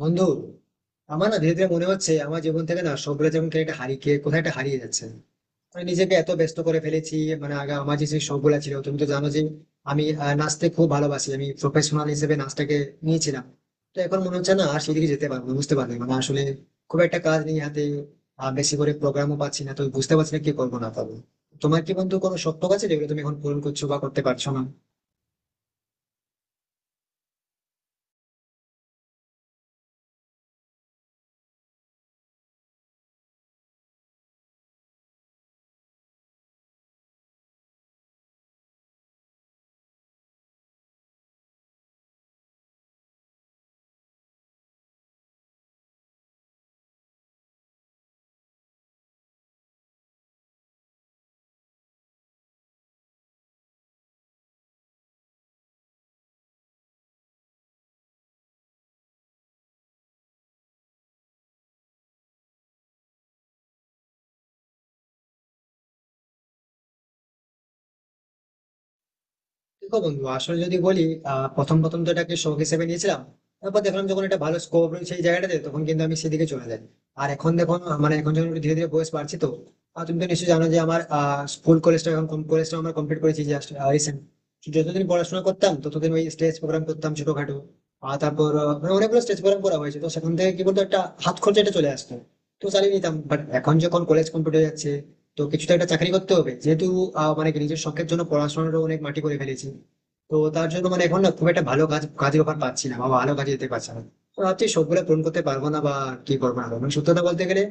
বন্ধু, আমার না ধীরে ধীরে মনে হচ্ছে আমার জীবন থেকে না সবগুলো যেমন কেন একটা হারিয়ে কোথায় একটা হারিয়ে যাচ্ছে। মানে নিজেকে এত ব্যস্ত করে ফেলেছি। মানে আগে আমার যে সেই শখগুলো ছিল তুমি তো জানো যে আমি নাচতে খুব ভালোবাসি, আমি প্রফেশনাল হিসেবে নাচটাকে নিয়েছিলাম। তো এখন মনে হচ্ছে না আর সেদিকে যেতে পারবো না, বুঝতে পারবে মানে আসলে খুব একটা কাজ নেই হাতে। আর বেশি করে প্রোগ্রামও পাচ্ছি না তো বুঝতে পারছি না কি করবো না পারবো। তোমার কি বন্ধু কোনো শখ টখ আছে যেগুলো তুমি এখন পূরণ করছো বা করতে পারছো না? দেখো বন্ধু, আসলে যদি বলি প্রথম প্রথম তো এটাকে শখ হিসেবে নিয়েছিলাম। তারপর দেখলাম যখন এটা ভালো স্কোপ রয়েছে এই জায়গাটাতে তখন কিন্তু আমি সেদিকে চলে যাই। আর এখন দেখো, মানে এখন যখন একটু ধীরে ধীরে বয়স বাড়ছে তো আর তুমি তো নিশ্চয়ই জানো যে আমার স্কুল কলেজটা এখন কলেজটা আমরা কমপ্লিট করেছি জাস্ট রিসেন্ট। যতদিন পড়াশোনা করতাম ততদিন ওই স্টেজ প্রোগ্রাম করতাম ছোটখাটো। আর তারপর মানে অনেকগুলো স্টেজ প্রোগ্রাম করা হয়েছে তো সেখান থেকে কি বলতো একটা হাত খরচাটা চলে আসতো। তো চালিয়ে নিতাম, বাট এখন যখন কলেজ কমপ্লিট হয়ে যাচ্ছে তো কিছু তো একটা চাকরি করতে হবে যেহেতু মানে নিজের শখের জন্য পড়াশোনাটা অনেক মাটি করে ফেলেছি। তো তার জন্য মানে এখন না খুব একটা ভালো কাজের অফার পাচ্ছি না বা ভালো কাজে যেতে পারছি না। তো ভাবছি সবগুলো পূরণ করতে পারবো না বা কি করবো না করবো। মানে সত্যি কথা বলতে গেলে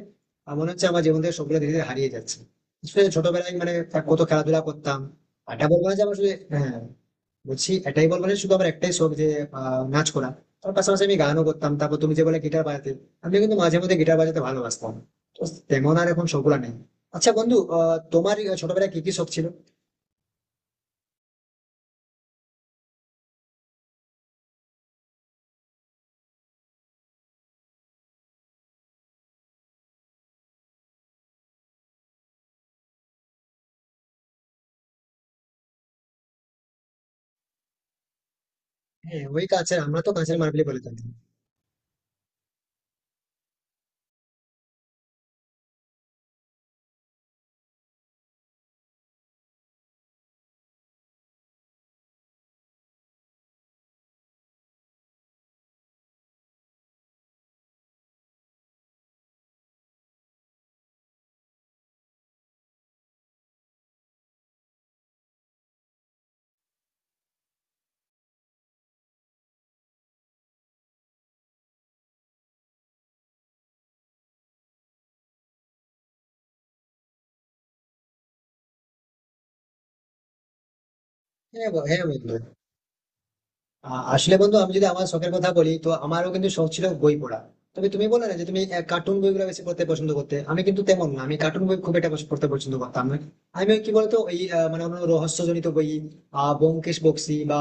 আমার মনে হচ্ছে আমার জীবন থেকে সবগুলো ধীরে ধীরে হারিয়ে যাচ্ছে। আসলে ছোটবেলায় মানে কত খেলাধুলা করতাম। আড্ডা বলবো না যে আমার হ্যাঁ, বলছি এটাই বলবো যে শুধু আমার একটাই শখ যে নাচ করা। তার পাশাপাশি আমি গানও করতাম। তারপর তুমি যে বলে গিটার বাজাতে, আমি কিন্তু মাঝে মধ্যে গিটার বাজাতে ভালোবাসতাম। তো তেমন আর এখন শখগুলা নেই। আচ্ছা বন্ধু, তোমার এই ছোটবেলায় কি কি শখ ছিল? হ্যাঁ, ওই কাছের আমরা তো কাছের মার্বেলই বলে থাকি। হ্যাঁ, হ্যাঁ বন্ধু, আসলে বন্ধু আমি যদি আমার শখের কথা বলি তো আমারও কিন্তু শখ ছিল বই পড়া। তবে তুমি বলো না যে তুমি কার্টুন বইগুলো বেশি পড়তে পছন্দ করতে, আমি কিন্তু তেমন না, আমি কার্টুন বই খুব একটা বেশি পড়তে পছন্দ করতাম না। আমি ওই কি বলতো ওই মানে কোনো রহস্যজনিত বই, ব্যোমকেশ বক্সী বা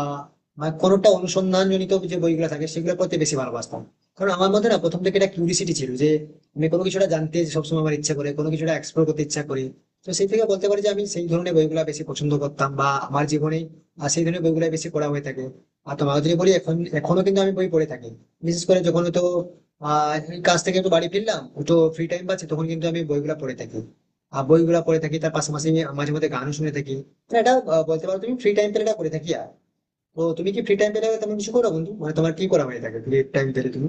মানে কোনোটা অনুসন্ধানজনিত যে বইগুলো থাকে সেগুলো পড়তে বেশি ভালোবাসতাম। কারণ আমার মধ্যে না প্রথম থেকে একটা কিউরিসিটি ছিল যে আমি কোনো কিছুটা জানতে সবসময় আমার ইচ্ছা করে, কোনো কিছুটা এক্সপ্লোর করতে ইচ্ছা করি। তো সেই থেকে বলতে পারি যে আমি সেই ধরনের বইগুলো বেশি পছন্দ করতাম বা আমার জীবনে আর সেই ধরনের বইগুলো বেশি পড়া হয়ে থাকে। আর তোমাকে যদি বলি এখন এখনো কিন্তু আমি বই পড়ে থাকি। বিশেষ করে যখন তো এই কাজ থেকে একটু বাড়ি ফিরলাম, একটু ফ্রি টাইম পাচ্ছি তখন কিন্তু আমি বইগুলা পড়ে থাকি। আর বইগুলা পড়ে থাকি তার পাশাপাশি আমি মাঝে মধ্যে গানও শুনে থাকি। মানে এটা বলতে পারো তুমি ফ্রি টাইম পেলে এটা করে থাকি। আর তো তুমি কি ফ্রি টাইম পেলে তেমন কিছু করো বন্ধু, মানে তোমার কি করা হয়ে থাকে ফ্রি টাইম পেলে তুমি?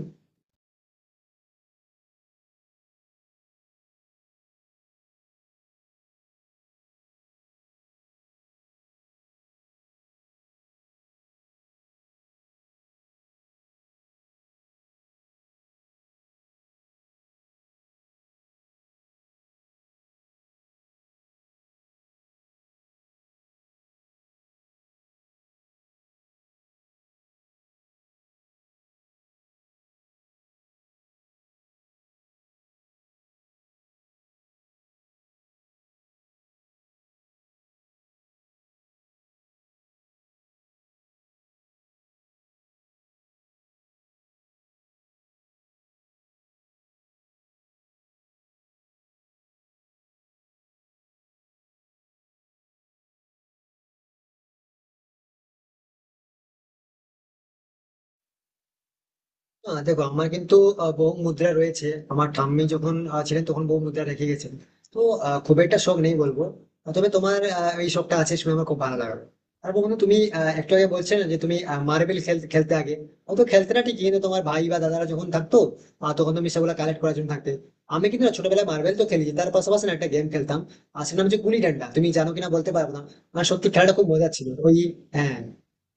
না, দেখো আমার কিন্তু বহু মুদ্রা রয়েছে। আমার ঠাম্মি যখন ছিলেন তখন বহু মুদ্রা রেখে গেছেন। তো খুব একটা শখ নেই বলবো। তবে তোমার এই শখটা আছে শুনে আমার খুব ভালো লাগলো। আর বন্ধু তুমি একটু আগে বলছিলে না যে তুমি মার্বেল খেলতে আগে, ও তো খেলতে না ঠিকই কিন্তু তোমার ভাই বা দাদারা যখন থাকতো তখন তুমি সেগুলো কালেক্ট করার জন্য থাকতে। আমি কিন্তু না ছোটবেলায় মার্বেল তো খেলেছি, তার পাশাপাশি না একটা গেম খেলতাম। আর সেটা নাম হচ্ছে গুলি ডান্ডা, তুমি জানো কিনা বলতে পারবো না। আর সত্যি খেলাটা খুব মজা ছিল ওই। হ্যাঁ,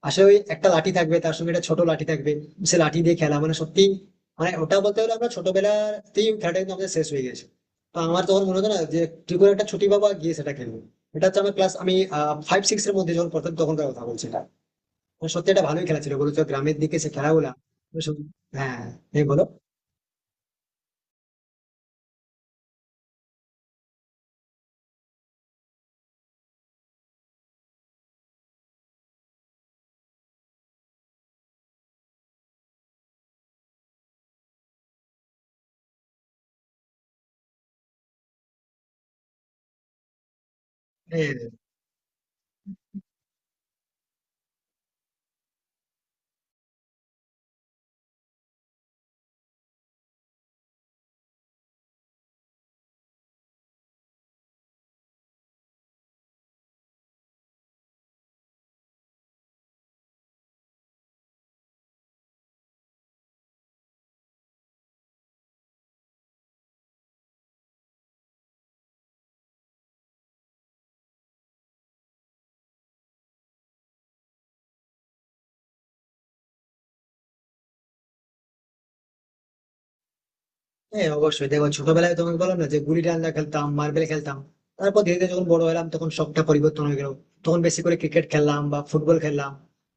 আসলে ওই একটা লাঠি থাকবে তার সঙ্গে একটা ছোট লাঠি থাকবে, সে লাঠি দিয়ে খেলা মানে সত্যি মানে ওটা বলতে গেলে আমরা ছোটবেলাতেই ওই খেলাটা কিন্তু আমাদের শেষ হয়ে গেছে। তো আমার তখন মনে হতো না যে কি করে একটা ছুটি পাবো আর গিয়ে সেটা খেলবো। এটা হচ্ছে আমার ক্লাস আমি ফাইভ সিক্স এর মধ্যে যখন প্রথম, তখনকার কথা বলছি এটা। মানে সত্যি এটা ভালোই খেলা ছিল বলতো গ্রামের দিকে সে খেলাগুলা। তো হ্যাঁ, এই বলো। হ্যাঁ, হ্যাঁ অবশ্যই। দেখো ছোটবেলায় তোমাকে বললাম না যে গুলি ডান্ডা খেলতাম, মার্বেল খেলতাম। তারপর ধীরে ধীরে যখন বড় হলাম তখন শখটা পরিবর্তন হয়ে গেল, তখন বেশি করে ক্রিকেট খেললাম বা ফুটবল খেললাম।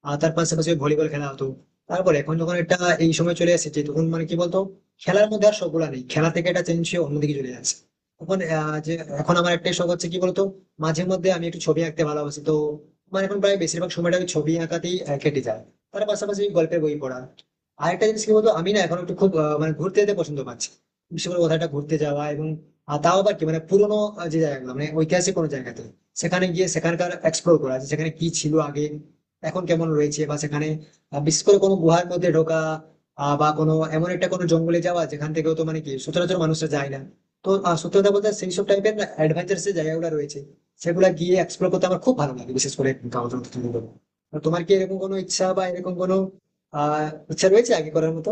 আর তার পাশাপাশি ভলিবল খেলা হতো। তারপর এখন যখন একটা এই সময় চলে এসেছে তখন মানে কি বলতো খেলার মধ্যে আর সবগুলা নেই, খেলা থেকে এটা চেঞ্জ হয়ে অন্যদিকে চলে যাচ্ছে। এখন যে এখন আমার একটাই শখ হচ্ছে কি বলতো, মাঝে মধ্যে আমি একটু ছবি আঁকতে ভালোবাসি। তো মানে এখন প্রায় বেশিরভাগ সময়টা আমি ছবি আঁকাতেই কেটে যায়। তার পাশাপাশি গল্পের বই পড়া। আরেকটা জিনিস কি বলতো আমি না এখন একটু খুব মানে ঘুরতে যেতে পছন্দ পাচ্ছি। বিশেষ করে কোথাও একটা ঘুরতে যাওয়া এবং তাও আবার কি মানে পুরোনো যে জায়গাগুলো মানে ঐতিহাসিক কোনো জায়গাতে সেখানে গিয়ে সেখানকার এক্সপ্লোর করা, যে সেখানে কি ছিল আগে এখন কেমন রয়েছে বা সেখানে বিশেষ করে কোনো গুহার মধ্যে ঢোকা, বা কোনো এমন একটা কোনো জঙ্গলে যাওয়া যেখান থেকেও তো মানে কি সচরাচর মানুষরা যায় না। তো সত্যি কথা বলতে সেই সব টাইপের অ্যাডভেঞ্চারস এর জায়গাগুলো রয়েছে, সেগুলা গিয়ে এক্সপ্লোর করতে আমার খুব ভালো লাগে, বিশেষ করে গাওদর। তোমার কি এরকম কোনো ইচ্ছা বা এরকম কোনো আহ ইচ্ছা রয়েছে আগে করার মতো?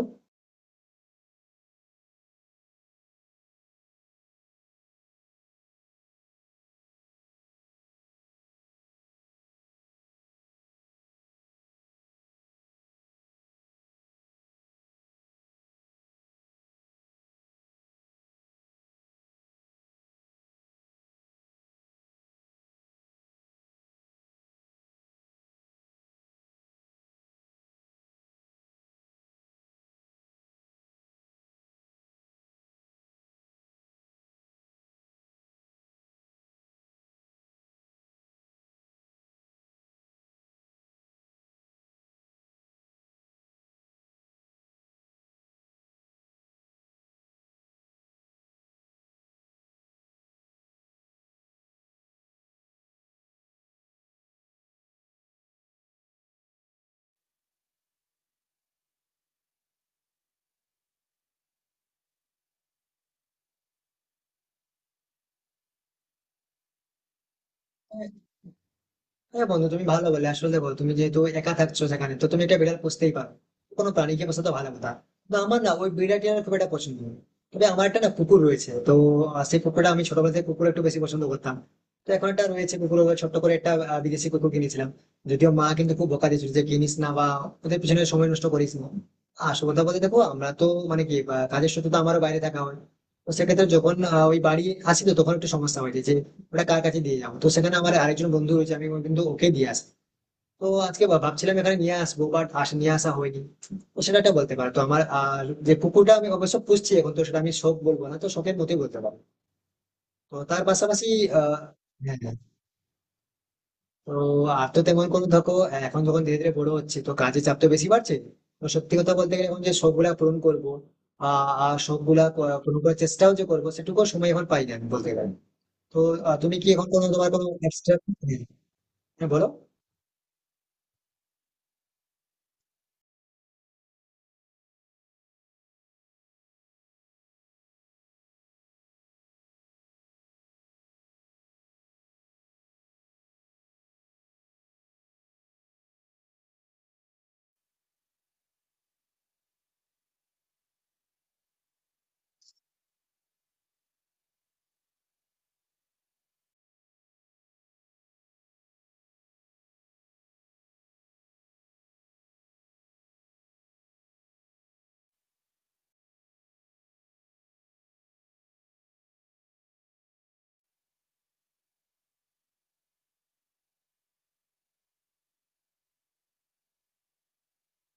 হ্যাঁ, হ্যাঁ বন্ধু, তুমি ভালো বলে আসলে দেখো তুমি যেহেতু একা থাকছো সেখানে তো তুমি একটা বিড়াল পুষতেই পারো, কোনো প্রাণীকে পোষা তো ভালো কথা। তো আমার না ওই বিড়ালটি আমার খুব একটা পছন্দ নয়। তবে আমার একটা না কুকুর রয়েছে তো সেই কুকুরটা আমি ছোটবেলা থেকে কুকুর একটু বেশি পছন্দ করতাম। তো এখন একটা রয়েছে কুকুর, ওই ছোট্ট করে একটা বিদেশি কুকুর কিনেছিলাম। যদিও মা কিন্তু খুব বকা দিয়েছিল যে কিনিস না বা ওদের পিছনে সময় নষ্ট করিস না। আসল কথা বলতে দেখো আমরা তো মানে কি কাজের সূত্রে তো আমারও বাইরে থাকা হয়। তো সেক্ষেত্রে যখন ওই বাড়ি আসি তো তখন একটু সমস্যা হয়েছে যে ওটা কার কাছে দিয়ে যাবো, তো সেখানে আমার আরেকজন বন্ধু রয়েছে আমি কিন্তু ওকে দিয়ে আসি। তো আজকে ভাবছিলাম এখানে নিয়ে আসবো বাট আস নিয়ে আসা হয়নি। তো সেটা একটা বলতে পারো। তো আমার আর যে পুকুরটা আমি অবশ্য পুষছি এখন তো সেটা আমি শখ বলবো না তো শখের মতোই বলতে পারো। তো তার পাশাপাশি আহ হ্যাঁ, হ্যাঁ। তো আর তো তেমন কোনো ধকো এখন যখন ধীরে ধীরে বড় হচ্ছে তো কাজের চাপ তো বেশি বাড়ছে। তো সত্যি কথা বলতে গেলে এখন যে শখ গুলা পূরণ করবো আর শখ গুলা পূরণ করার চেষ্টাও যে করবো সেটুকু সময় এখন পাই না আমি বলতে গেলে। তো তুমি কি এখন কোনো তোমার কোনো এক্সট্রা হ্যাঁ বলো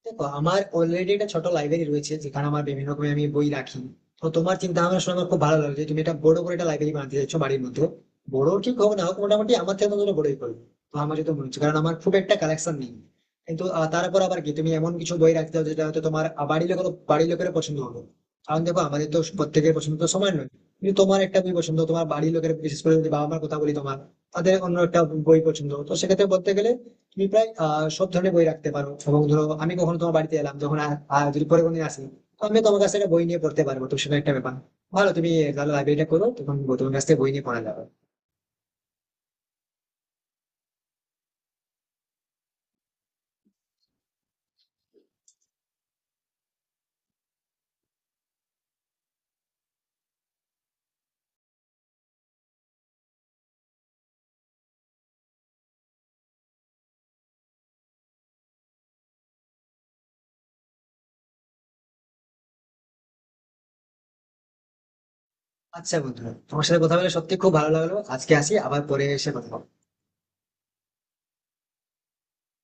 দেখো আমার অলরেডি একটা ছোট লাইব্রেরি রয়েছে যেখানে আমার বিভিন্ন রকমের আমি বই রাখি। তো তোমার চিন্তা ভাবনা শুনে আমার খুব ভালো লাগলো যে তুমি একটা বড় করে একটা লাইব্রেরি বানাতে চাইছো বাড়ির মধ্যে। বড় ঠিক হোক না হোক মোটামুটি আমার থেকে তোমার বড়ই করবে। তো আমার যেটা মনে হচ্ছে কারণ আমার খুব একটা কালেকশন নেই, কিন্তু তারপর আবার কি তুমি এমন কিছু বই রাখতে হবে যেটা হয়তো তোমার বাড়ির লোকের বাড়ির লোকের পছন্দ হবে। কারণ দেখো আমাদের তো প্রত্যেকের পছন্দ তো সমান নয়। কিন্তু তোমার একটা বই পছন্দ, তোমার বাড়ির লোকের বিশেষ করে যদি বাবা মার কথা বলি, তোমার তাদের অন্য একটা বই পছন্দ। তো সেক্ষেত্রে বলতে গেলে তুমি প্রায় সব ধরনের বই রাখতে পারো। এবং ধরো আমি কখনো তোমার বাড়িতে এলাম যখন, আর আর যদি পরে কোনোদিন আসি তো আমি তোমার কাছে একটা বই নিয়ে পড়তে পারবো, তো সেটা একটা ব্যাপার ভালো। তুমি তাহলে লাইব্রেরিটা করো তখন তোমার কাছ থেকে বই নিয়ে পড়া যাবে। আচ্ছা বন্ধুরা, তোমার সাথে কথা বলে সত্যি খুব ভালো লাগলো, আজকে আসি আবার পরে এসে কথা হবে।